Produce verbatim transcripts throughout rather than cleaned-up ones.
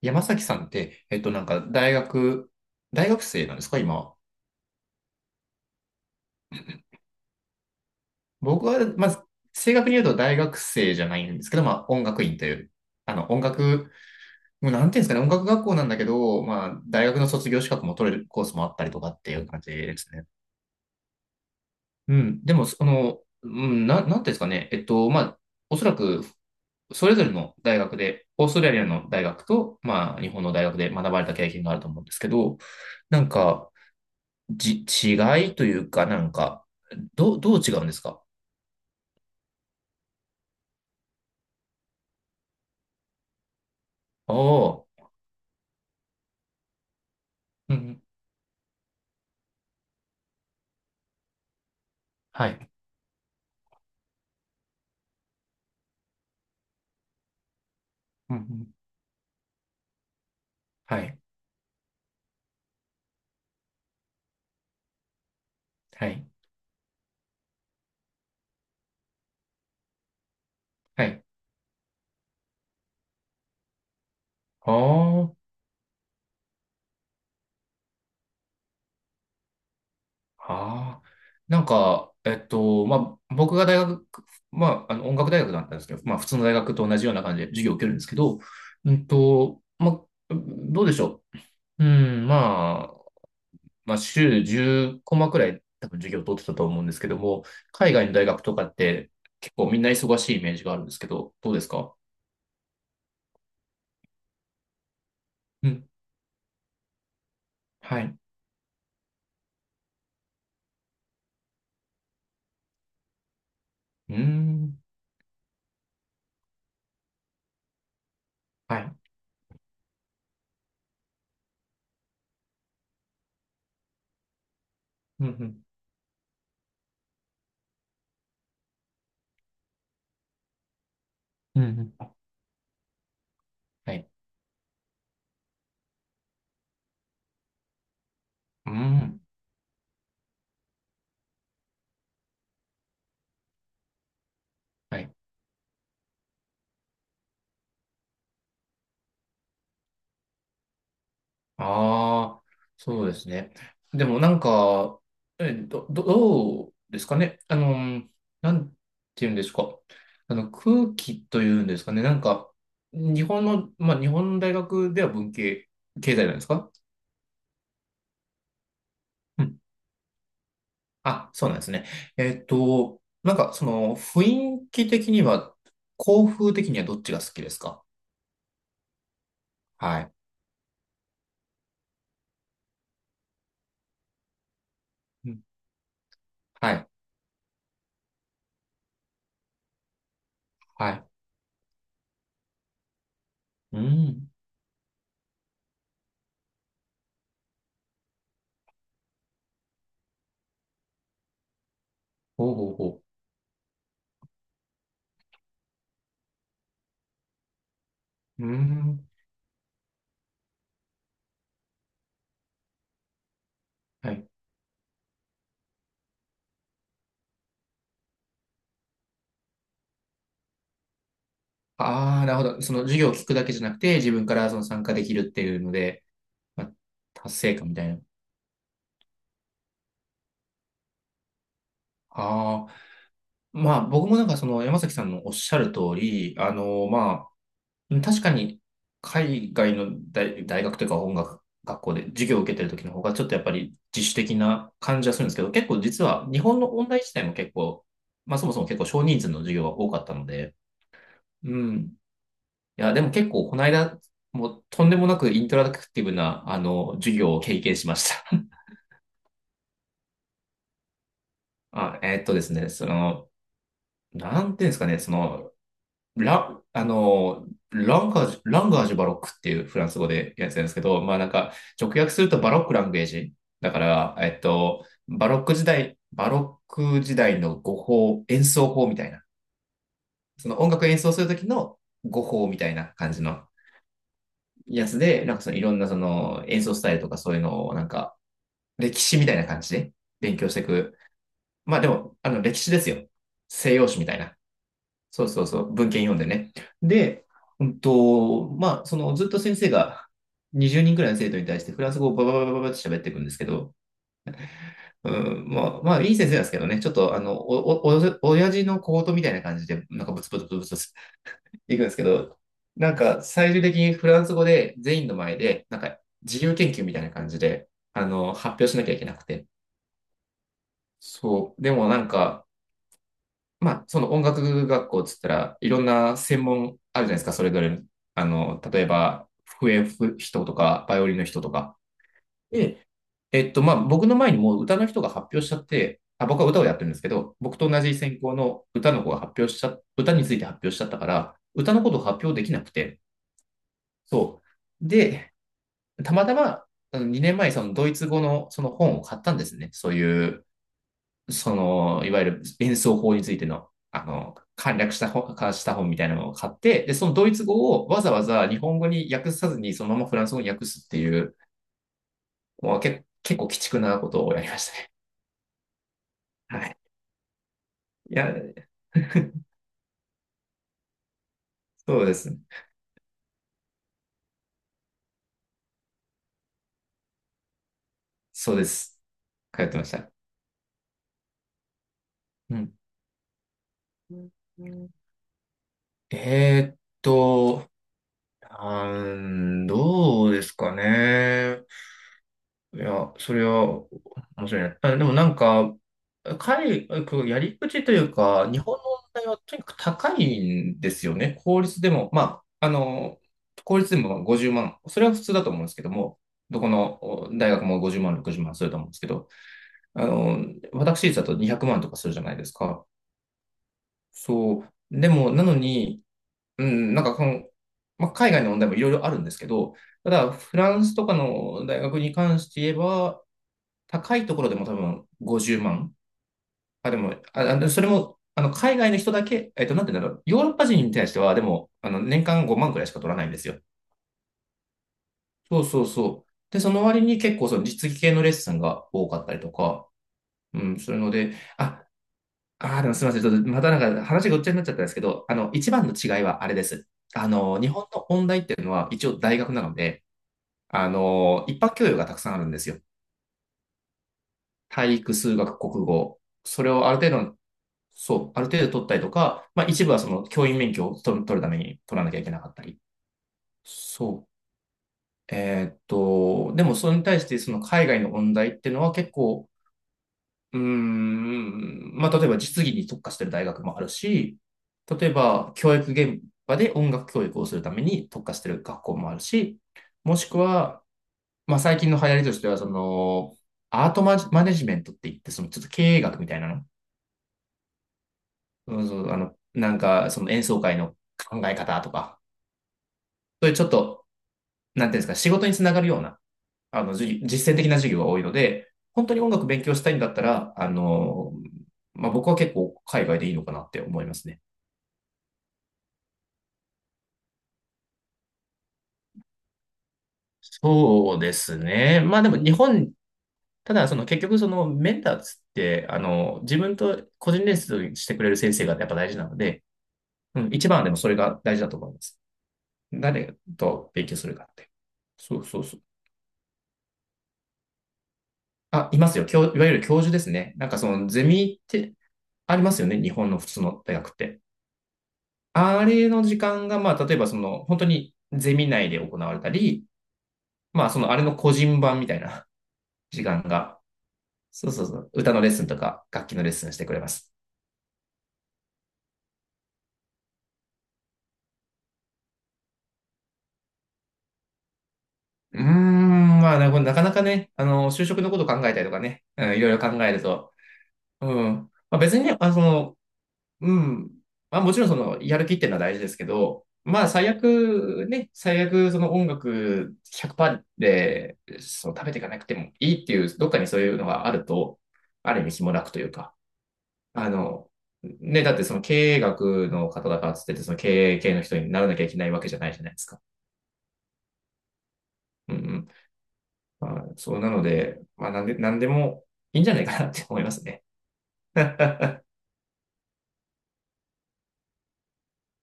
山崎さんって、えっと、なんか、大学、大学生なんですか、今？僕は、まず、正確に言うと大学生じゃないんですけど、まあ、音楽院という、あの、音楽、もうなんていうんですかね、音楽学校なんだけど、まあ、大学の卒業資格も取れるコースもあったりとかっていう感じですね。うん。でも、その、うん、な、なんていうんですかね、えっと、まあ、おそらく、それぞれの大学で、オーストラリアの大学と、まあ、日本の大学で学ばれた経験があると思うんですけど、なんか、じ、違いというか、なんか、ど、どう違うんですか？ああー、うん、はい、うん、はい、はい、はい。ああ、ああ。なんか、えっと、まあ、僕が大学、まあ、あの、音楽大学だったんですけど、まあ、普通の大学と同じような感じで授業を受けるんですけど、うんと、まあ、どうでしょう。うん、まあ、まあ、週じゅうコマくらい多分授業を取ってたと思うんですけども、海外の大学とかって結構みんな忙しいイメージがあるんですけど、どうですか？うん。はい。うーん。はい。うんうん。うんうん。はい。うーん。はい。ああ、そうですね。でもなんか、え、ど、どどうですかね。あの、なんていうんですか。あの、空気というんですかね。なんか、日本の、まあ、日本の大学では文系、経済なんですか？うん。あ、そうなんですね。えっと、なんか、その、雰囲気的には、校風的にはどっちが好きですか？はい。うん、はい。はい。うん。ほうほうほう。うん。はい。ああ、なるほど。その授業を聞くだけじゃなくて、自分からその参加できるっていうので、まあ、達成感みたいな。ああ。まあ、僕もなんかその山崎さんのおっしゃる通り、あの、まあ、確かに海外の大、大学というか音楽学校で授業を受けてる時の方がちょっとやっぱり自主的な感じはするんですけど、結構実は日本の音大自体も結構、まあそもそも結構少人数の授業が多かったので、うん。いや、でも結構この間、もうとんでもなくインタラクティブな、あの、授業を経験しました。あ、えーっとですね、その、なんていうんですかね、その、ラ、あの、ランガージュ、ランガージュバロックっていうフランス語でやつなんですけど、まあなんか、直訳するとバロックランゲージ。だから、えっと、バロック時代、バロック時代の語法、演奏法みたいな。その音楽演奏するときの語法みたいな感じのやつで、なんかそのいろんなその演奏スタイルとかそういうのをなんか歴史みたいな感じで勉強していく。まあでも、あの、歴史ですよ。西洋史みたいな。そうそうそう、文献読んでね。で、うんと、まあ、その、ずっと先生がにじゅうにんくらいの生徒に対してフランス語をババババババって喋っていくんですけど、うん、まあ、まあ、いい先生なんですけどね、ちょっと、あの、お、お、親父のコートみたいな感じで、なんかブツブツブツブツいくんですけど、なんか、最終的にフランス語で全員の前で、なんか、自由研究みたいな感じで、あの、発表しなきゃいけなくて。そう。でもなんか、まあ、その音楽学校っつったらいろんな専門あるじゃないですか、それぞれの。あの、例えば、笛吹く人とか、バイオリンの人とか。で、えっと、まあ、僕の前にもう歌の人が発表しちゃって、あ、僕は歌をやってるんですけど、僕と同じ専攻の歌の子が発表しちゃ、歌について発表しちゃったから、歌のことを発表できなくて、そう。で、たまたま、にねんまえ、そのドイツ語のその本を買ったんですね。そういうその、いわゆる演奏法についての、あの、簡略した本、化した本みたいなのを買って、で、そのドイツ語をわざわざ日本語に訳さずに、そのままフランス語に訳すっていう、もうけ、結構鬼畜なことをやりましたね。はい。いや、そうですね。そうです。通ってました。うん。えーっと、あーん、どうですかね。いや、それは面白いね。あ、でもなんか、海、こうやり口というか、日本の問題はとにかく高いんですよね。公立でも、まあ、あの、公立でもごじゅうまん、それは普通だと思うんですけども、どこのお大学もごじゅうまん、ろくじゅうまんすると思うんですけど、あの、私立だとにひゃくまんとかするじゃないですか。そう。でも、なのに、うん、なんかこの、まあ、海外の問題もいろいろあるんですけど、ただ、フランスとかの大学に関して言えば、高いところでも多分ごじゅうまん。あ、でも、あ、あのそれも、あの、海外の人だけ、えっと、なんて言うんだろう。ヨーロッパ人に対しては、でも、あの、年間ごまんくらいしか取らないんですよ。そうそうそう。で、その割に結構、その実技系のレッスンが多かったりとか、うん、するので、あ、あー、でもすみません。ちょっと、またなんか話がごっちゃになっちゃったんですけど、あの、一番の違いはあれです。あの、日本の音大っていうのは一応大学なので、あの、一般教養がたくさんあるんですよ。体育、数学、国語。それをある程度そう、ある程度取ったりとか、まあ一部はその教員免許を取る、取るために取らなきゃいけなかったり。そう。えーっと、でもそれに対してその海外の問題っていうのは結構、うーん、まあ例えば実技に特化してる大学もあるし、例えば教育現場で音楽教育をするために特化してる学校もあるし、もしくは、まあ最近の流行りとしてはその、アートマジマネジメントって言って、そのちょっと経営学みたいなのそうそう、あの、なんか、その演奏会の考え方とか、そういうちょっと、なんていうんですか、仕事につながるような、あの、授業実践的な授業が多いので、本当に音楽勉強したいんだったら、あの、まあ、僕は結構海外でいいのかなって思いますね。そうですね。まあでも日本、ただその結局そのメンターつって、あの、自分と個人レッスンしてくれる先生がやっぱ大事なので、うん、一番はでもそれが大事だと思います。誰と勉強するかって。そうそうそう。あ、いますよ。教、いわゆる教授ですね。なんかそのゼミってありますよね。日本の普通の大学って。あれの時間が、まあ、例えばその、本当にゼミ内で行われたり、まあ、そのあれの個人版みたいな 時間が、そうそうそう、歌のレッスンとか楽器のレッスンしてくれます。うーん、まあ、ななかなかね、あの、就職のこと考えたりとかね、うん、いろいろ考えると、うん。まあ、別にね、あ、その、うん。まあもちろんその、やる気っていうのは大事ですけど、まあ最悪ね、最悪その音楽ひゃくパーセントで、その食べていかなくてもいいっていう、どっかにそういうのがあると、ある意味気も楽というか、あの、ね、だってその経営学の方だからっつってて、その経営系の人にならなきゃいけないわけじゃないじゃないですか。うんうん。まあ、そうなので、まあなんで、なんでもいいんじゃないかなって思いますね。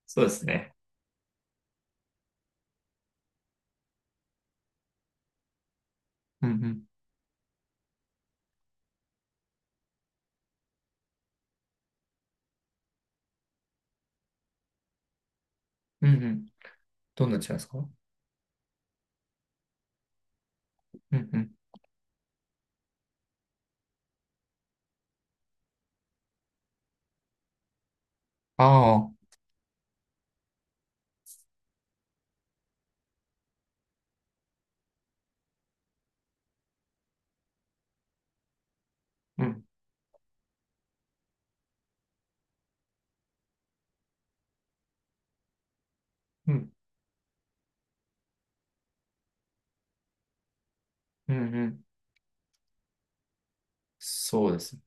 そうですね。うんうん。うんうん。どうなっちゃうんですか？うんうん。ああ。うんうん、うん、うん。そうですね。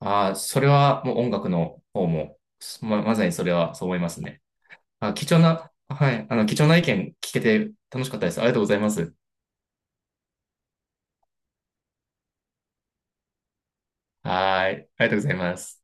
ああ、それはもう音楽の方も、ま、まさにそれはそう思いますね。あ、貴重な、はい、あの、貴重な意見聞けて楽しかったです。ありがとうございます。はーい、ありがとうございます。